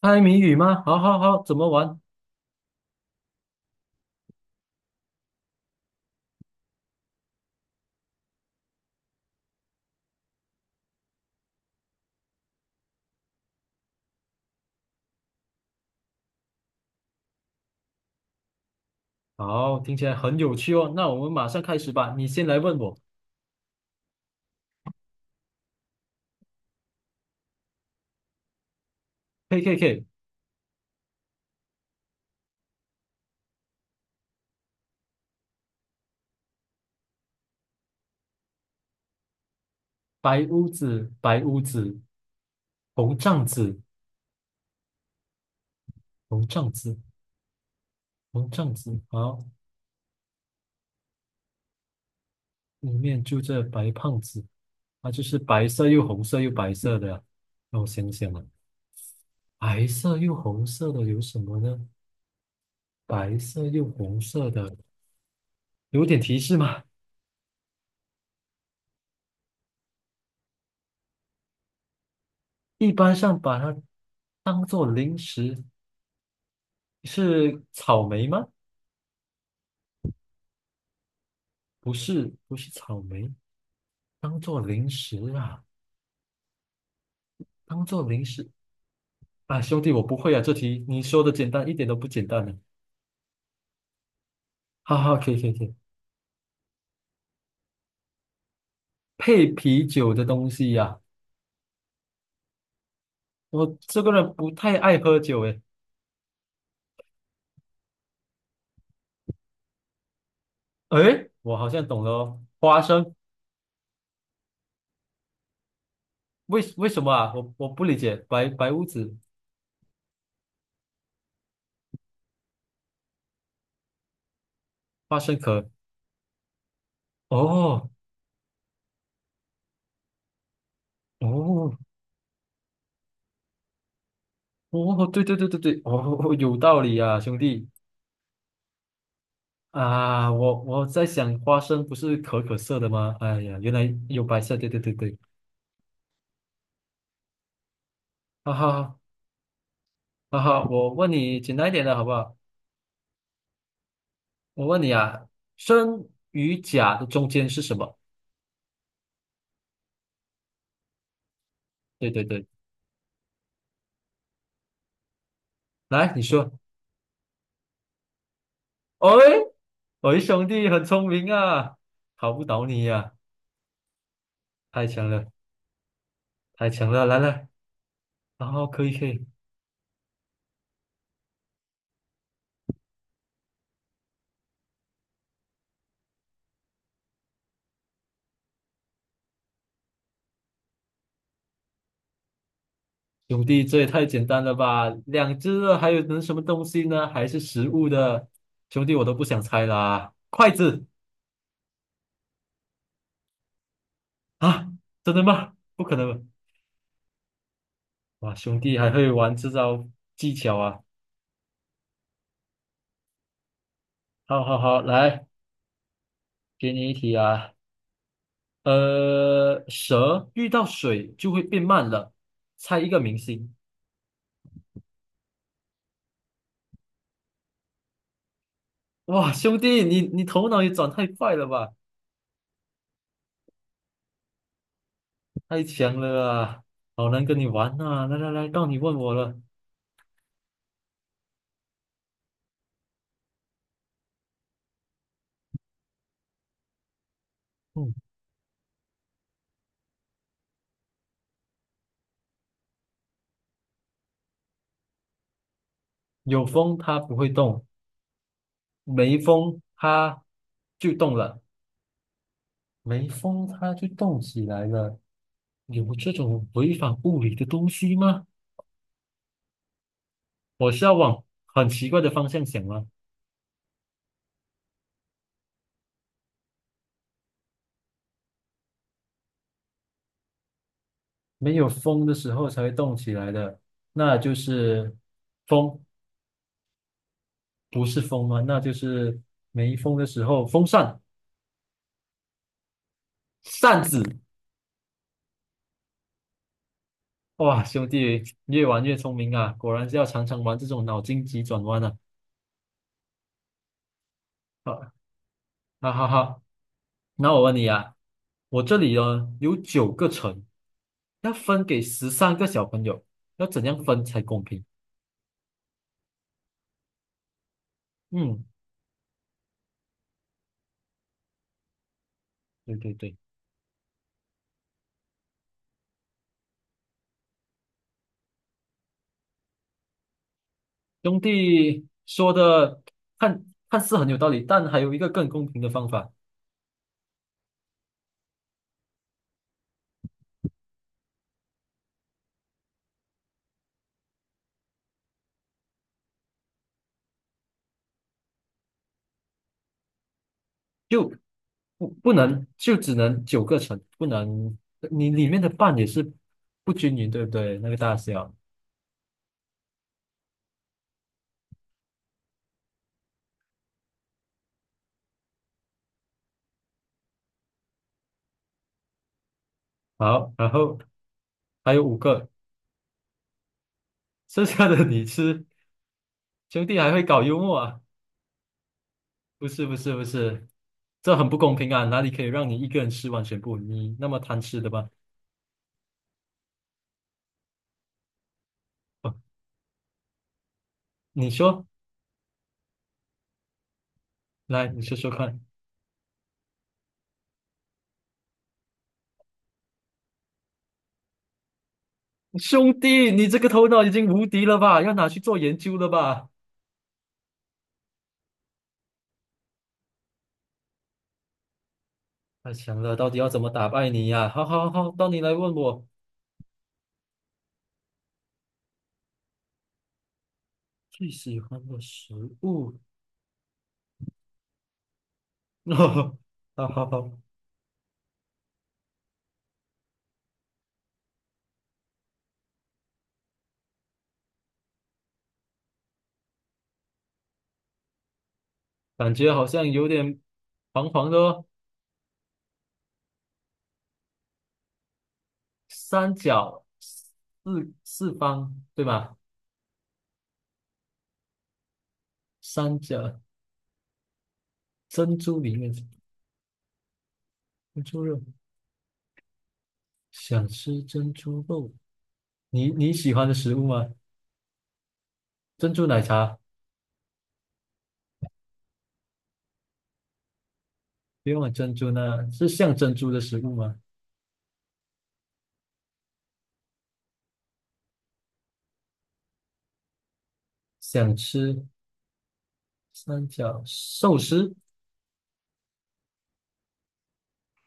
猜谜语吗？好好好，怎么玩？好，听起来很有趣哦。那我们马上开始吧。你先来问我。KKK，白屋子，白屋子，红帐子，红帐子，红帐子。好，里面住着白胖子，啊，就是白色又红色又白色的呀。让我想想啊，白色又红色的有什么呢？白色又红色的，有点提示吗？一般上把它当做零食，是草莓吗？不是草莓，当做零食啊，当做零食啊，兄弟，我不会啊，这题你说的简单一点都不简单呢。哈哈，可以可以可以，配啤酒的东西呀、我这个人不太爱喝酒诶。诶，我好像懂了哦，花生，为什么啊？我不理解，白屋子花生壳，哦哦哦，对对对对对，哦，哦哦有道理啊，兄弟，啊，我在想，花生不是可可色的吗？哎呀，原来有白色，对对对对，哈哈哈哈！我问你简单一点的好不好？我问你啊，真与假的中间是什么？对对对，来你说。哎，喂，兄弟很聪明啊，考不倒你呀、太强了，太强了，来来，然后可以可以，兄弟这也太简单了吧？两只了，还有能什么东西呢？还是食物的，兄弟我都不想猜啦，筷子。啊，真的吗？不可能吧！哇，兄弟还会玩这招技巧啊！好好好，来，给你一题啊。蛇遇到水就会变慢了，猜一个明星。哇，兄弟，你头脑也转太快了吧，太强了啊！好难跟你玩啊！来来来，到你问我了。嗯，有风它不会动，没风它就动了。没风它就动起来了，有这种违反物理的东西吗？我是要往很奇怪的方向想吗？没有风的时候才会动起来的，那就是风，不是风吗？那就是没风的时候，风扇、扇子。哇，兄弟，越玩越聪明啊！果然是要常常玩这种脑筋急转弯啊！好，哈哈哈。那我问你啊，我这里呢有九个城，要分给十三个小朋友，要怎样分才公平？嗯，对对对，兄弟说的看似很有道理，但还有一个更公平的方法，就不不能就只能九个城，不能你里面的半也是不均匀，对不对？那个大小。好，然后还有五个，剩下的你吃，兄弟还会搞幽默啊。不是不是不是，这很不公平啊！哪里可以让你一个人吃完全部？你那么贪吃的吧？哦，你说，来，你说说看。兄弟，你这个头脑已经无敌了吧？要拿去做研究了吧？太强了，到底要怎么打败你呀、好好好，到你来问我最喜欢的食物。好好好，感觉好像有点黄黄的哦。三角四四方对吧？三角珍珠里面是珍珠肉。想吃珍珠肉，你喜欢的食物吗？珍珠奶茶，不用了珍珠呢，是像珍珠的食物吗？想吃三角寿司，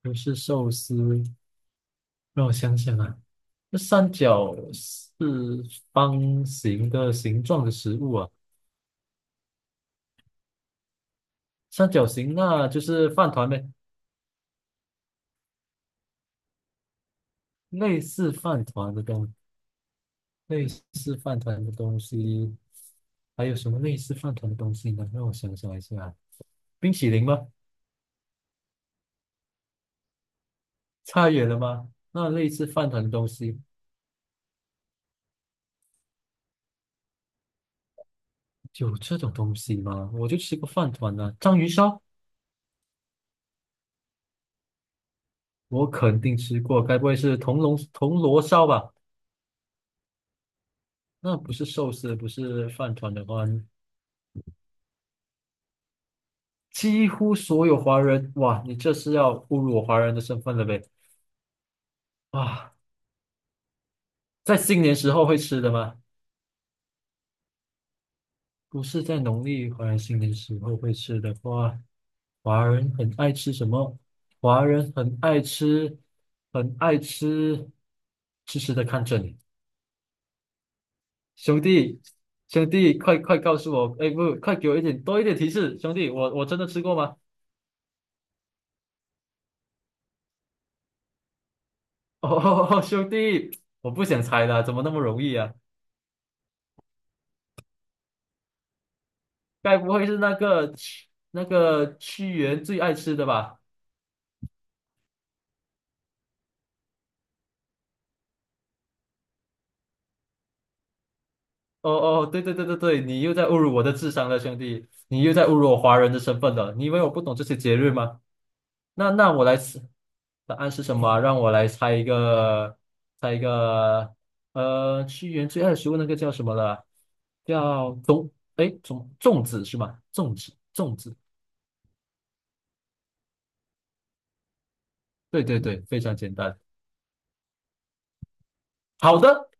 不是寿司，让我想想啊，那三角是方形的形状的食物啊，三角形那就是饭团呗，类似饭团的东，类似饭团的东西，还有什么类似饭团的东西呢？让我想想一下啊，冰淇淋吗？差远了吗？那类似饭团的东西有这种东西吗？我就吃过饭团啊，章鱼烧我肯定吃过，该不会是铜锣烧吧？那不是寿司，不是饭团的话，几乎所有华人，哇，你这是要侮辱我华人的身份了呗？哇，在新年时候会吃的吗？不是在农历华人新年时候会吃的话，华人很爱吃什么？华人很爱吃，很爱吃，痴痴的看着你。兄弟，兄弟，快快告诉我，哎，不，快给我多一点提示，兄弟，我真的吃过吗？哦，兄弟，我不想猜了，怎么那么容易啊？该不会是那个屈原最爱吃的吧？哦哦，对对对对对，你又在侮辱我的智商了，兄弟，你又在侮辱我华人的身份了。你以为我不懂这些节日吗？那我来猜，答案是什么啊让我来猜一个，猜一个，屈原最爱的食物那个叫什么了啊？叫粽，哎，粽子是吗？粽子，粽子，对对对，非常简单。好的，